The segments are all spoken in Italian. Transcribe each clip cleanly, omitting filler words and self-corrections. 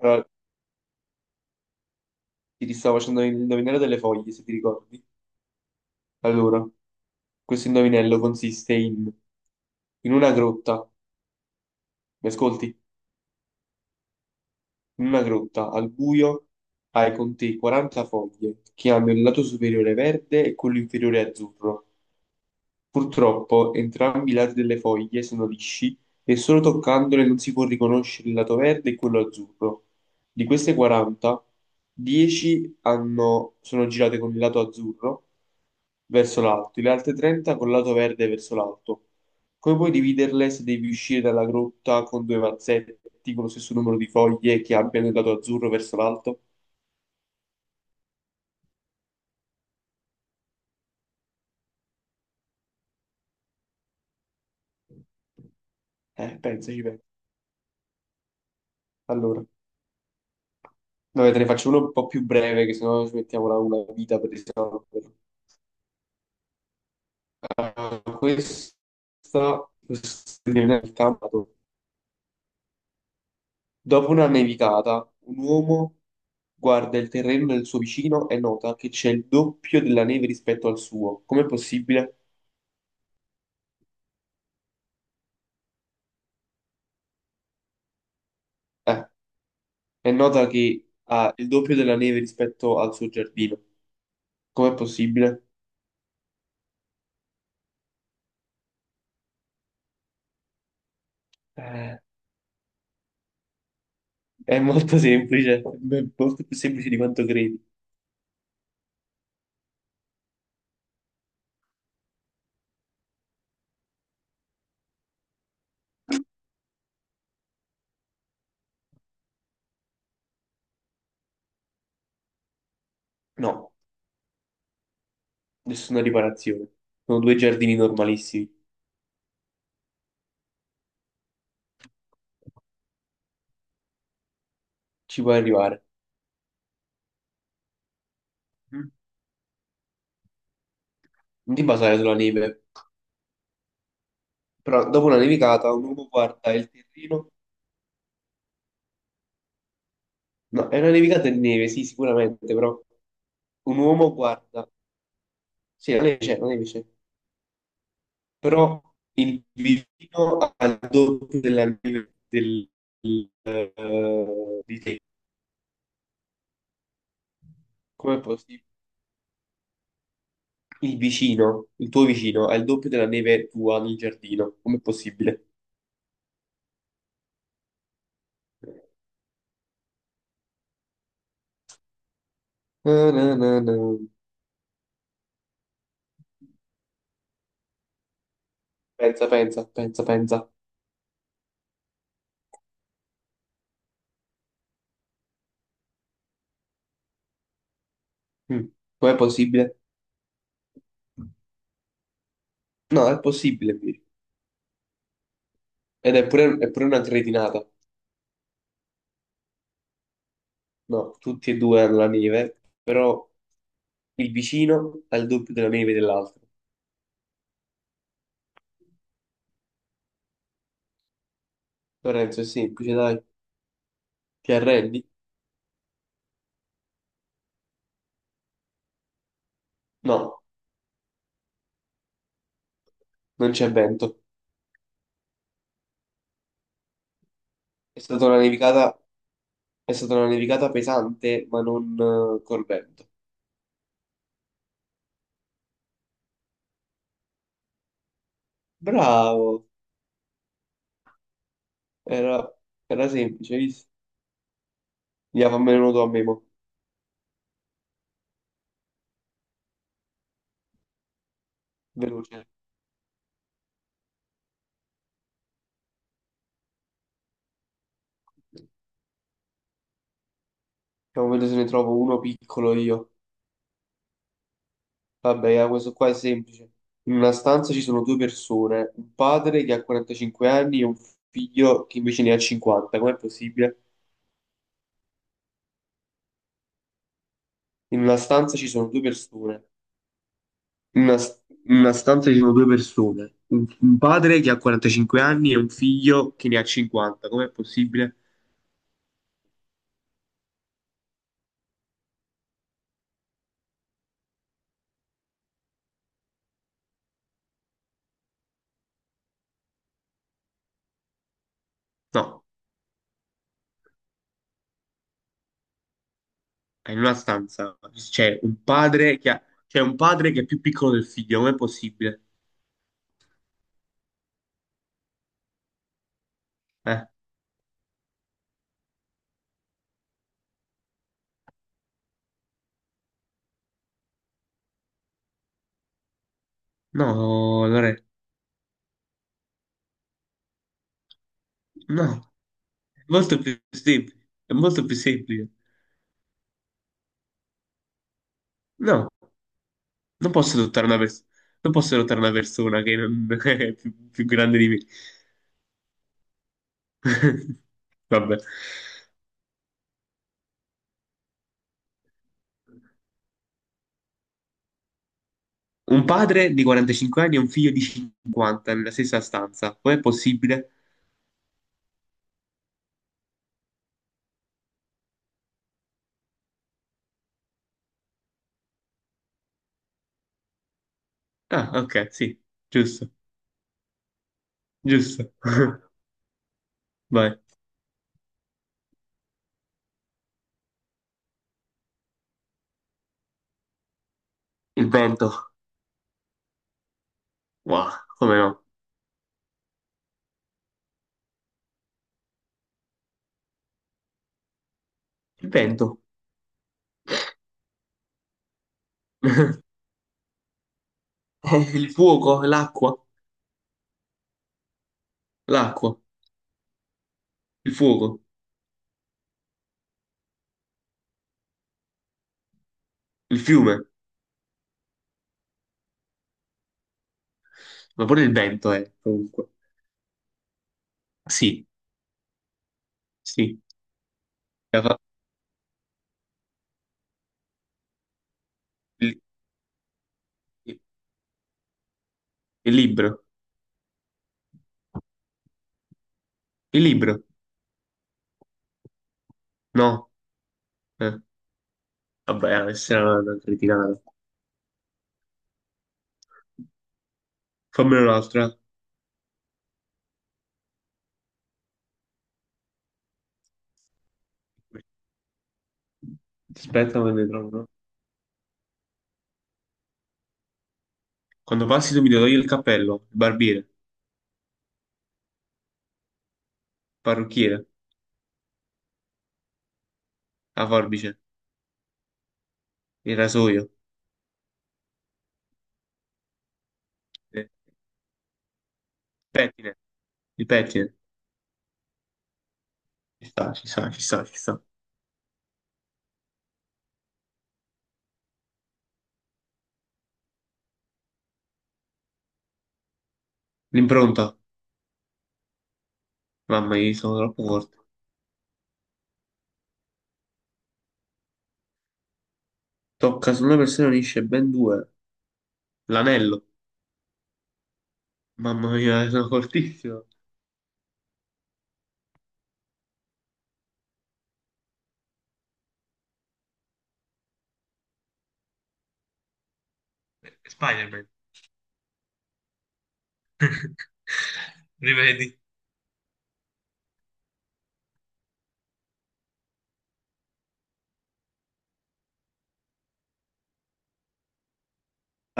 Allora, ti stavo facendo il indovinello delle foglie, se ti ricordi. Allora, questo indovinello consiste in una grotta, mi ascolti? In una grotta, al buio, hai con te 40 foglie che hanno il lato superiore verde e quello inferiore azzurro. Purtroppo, entrambi i lati delle foglie sono lisci e solo toccandole non si può riconoscere il lato verde e quello azzurro. Di queste 40, sono girate con il lato azzurro verso l'alto e le altre 30 col lato verde verso l'alto. Come puoi dividerle se devi uscire dalla grotta con due mazzetti con lo stesso numero di foglie che abbiano il lato azzurro verso l'alto? Pensaci, pensa. Allora, vabbè, te ne faccio uno un po' più breve, che sennò ci mettiamo una vita per risolverlo. Ah, questa nel campo. Dopo una nevicata, un uomo guarda il terreno del suo vicino e nota che c'è il doppio della neve rispetto al suo. Com'è possibile? Eh, è nota che ha il doppio della neve rispetto al suo giardino. Com'è possibile? Eh, è molto semplice, beh, molto più semplice di quanto credi. No, nessuna riparazione. Sono due giardini normalissimi, ci puoi arrivare. Mm. Non ti basare sulla neve. Però dopo una nevicata un uomo guarda il terreno. No, è una nevicata di neve, sì, sicuramente, però un uomo guarda. Sì, la neve c'è, la neve c'è. Però il vicino al doppio del di te. Com'è possibile? Il vicino, il tuo vicino, ha il doppio della neve tua nel giardino. Com'è possibile? Na, na, na, na. Pensa, pensa, pensa, pensa. Mm. Com'è possibile? No, è possibile, Viri. Ed è pure una cretinata. No, tutti e due hanno la neve, però il vicino ha il doppio della neve dell'altro. Lorenzo, è semplice, dai. Ti arrendi? No, non c'è vento. È stata una nevicata, è stata una nevicata pesante, ma non col vento. Bravo, era, era semplice, hai visto? Via, fammene uno tu a me, mo. Veloce. Vediamo vedere se ne trovo uno piccolo io. Vabbè, ah, questo qua è semplice. In una stanza ci sono due persone, un padre che ha 45 anni e un figlio che invece ne ha 50. Com'è possibile? In una stanza ci sono due persone. In Una, in una stanza ci sono due persone, un padre che ha 45 anni e un figlio che ne ha 50. Com'è possibile? No, è in una stanza. C'è un padre che ha- c'è un padre che è più piccolo del figlio, com'è possibile? Eh, no, Lore, no, è molto più semplice. No, non posso adottare una persona, non posso adottare una persona che non- È più grande di me. Vabbè. Un padre di 45 anni e un figlio di 50 nella stessa stanza. Com'è possibile? Ah, ok, sì, giusto, giusto. Vai. Il vento. Wow, come no? Il vento. Il fuoco, l'acqua, il fuoco, il fiume, ma pure il vento è, comunque. Sì, sì. La fa- Il, il libro. Il libro. No. Eh, vabbè, questa è una cretinata. Fammene un'altra. Aspetta, me ne trovo. Quando passi tu mi devi togliere il cappello, il parrucchiere, la forbice, il rasoio, il pettine, il pettine. Ci sta, ci sta, ci sta, ci sta. L'impronta. Mamma mia, sono troppo forte. Tocca su una persona e unisce ben due. L'anello. Mamma mia, sono fortissimo. Spider-Man. Rivedi.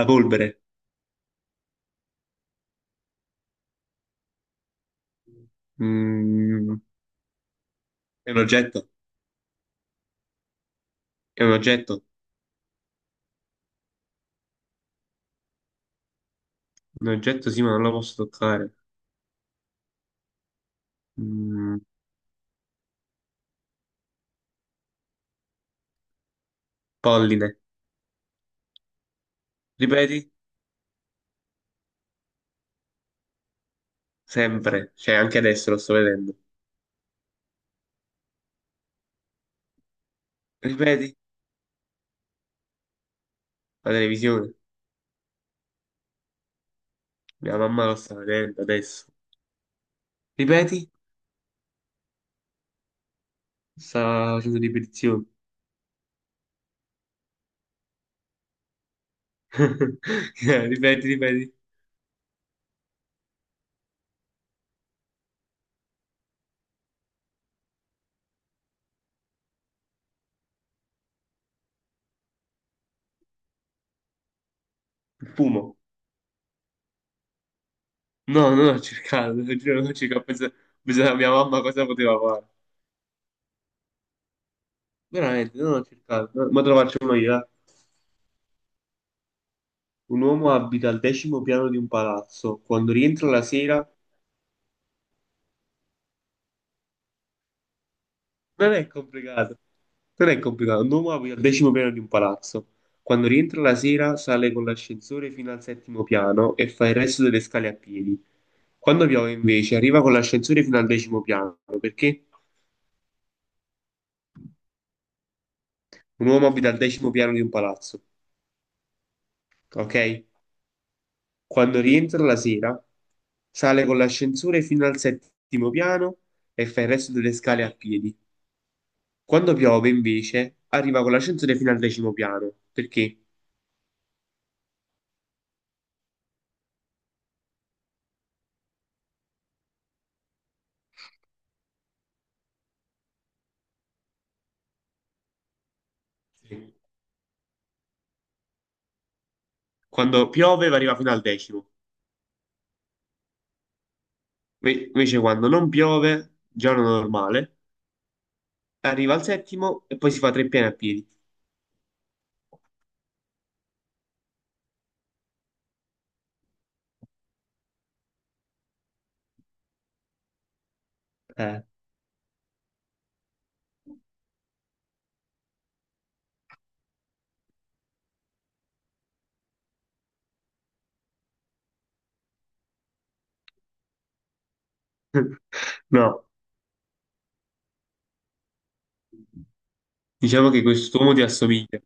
La polvere. Mm, è un oggetto. È un oggetto. Un oggetto sì, ma non lo posso toccare. Mm, polline. Ripeti? Sempre, cioè anche adesso lo sto vedendo. Ripeti? La televisione. Mia mamma lo sta vedendo adesso. Ripeti? Sta facendo ripetizioni. Ripeti, ripeti. Il fumo. No, non ho cercato, te lo giuro, non ho cercato. Ho pensato a mia mamma cosa poteva fare. Veramente, non ho cercato. Ma te lo faccio uno io. Eh. Un uomo abita al decimo piano di un palazzo. Quando rientra la sera. Non è complicato. Non è complicato. Un uomo abita al decimo piano di un palazzo. Quando rientra la sera, sale con l'ascensore fino al settimo piano e fa il resto delle scale a piedi. Quando piove, invece, arriva con l'ascensore fino al decimo piano, perché un uomo abita al decimo piano di un palazzo, ok? Quando rientra la sera, sale con l'ascensore fino al settimo piano e fa il resto delle scale a piedi. Quando piove, invece, arriva con l'ascensore fino al decimo piano, perché sì, quando piove arriva fino al decimo. Invece quando non piove, giorno normale, arriva al settimo e poi si fa 3 piani a piedi. Eh. No, diciamo che quest'uomo ti assomiglia.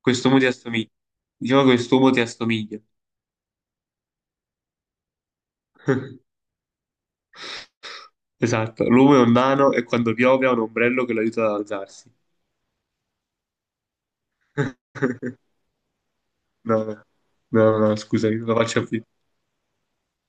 Quest'uomo ti assomiglia. Diciamo che quest'uomo ti assomiglia. Esatto, l'uomo è un nano e quando piove ha un ombrello che lo aiuta ad alzarsi. No, no, scusami, non la faccio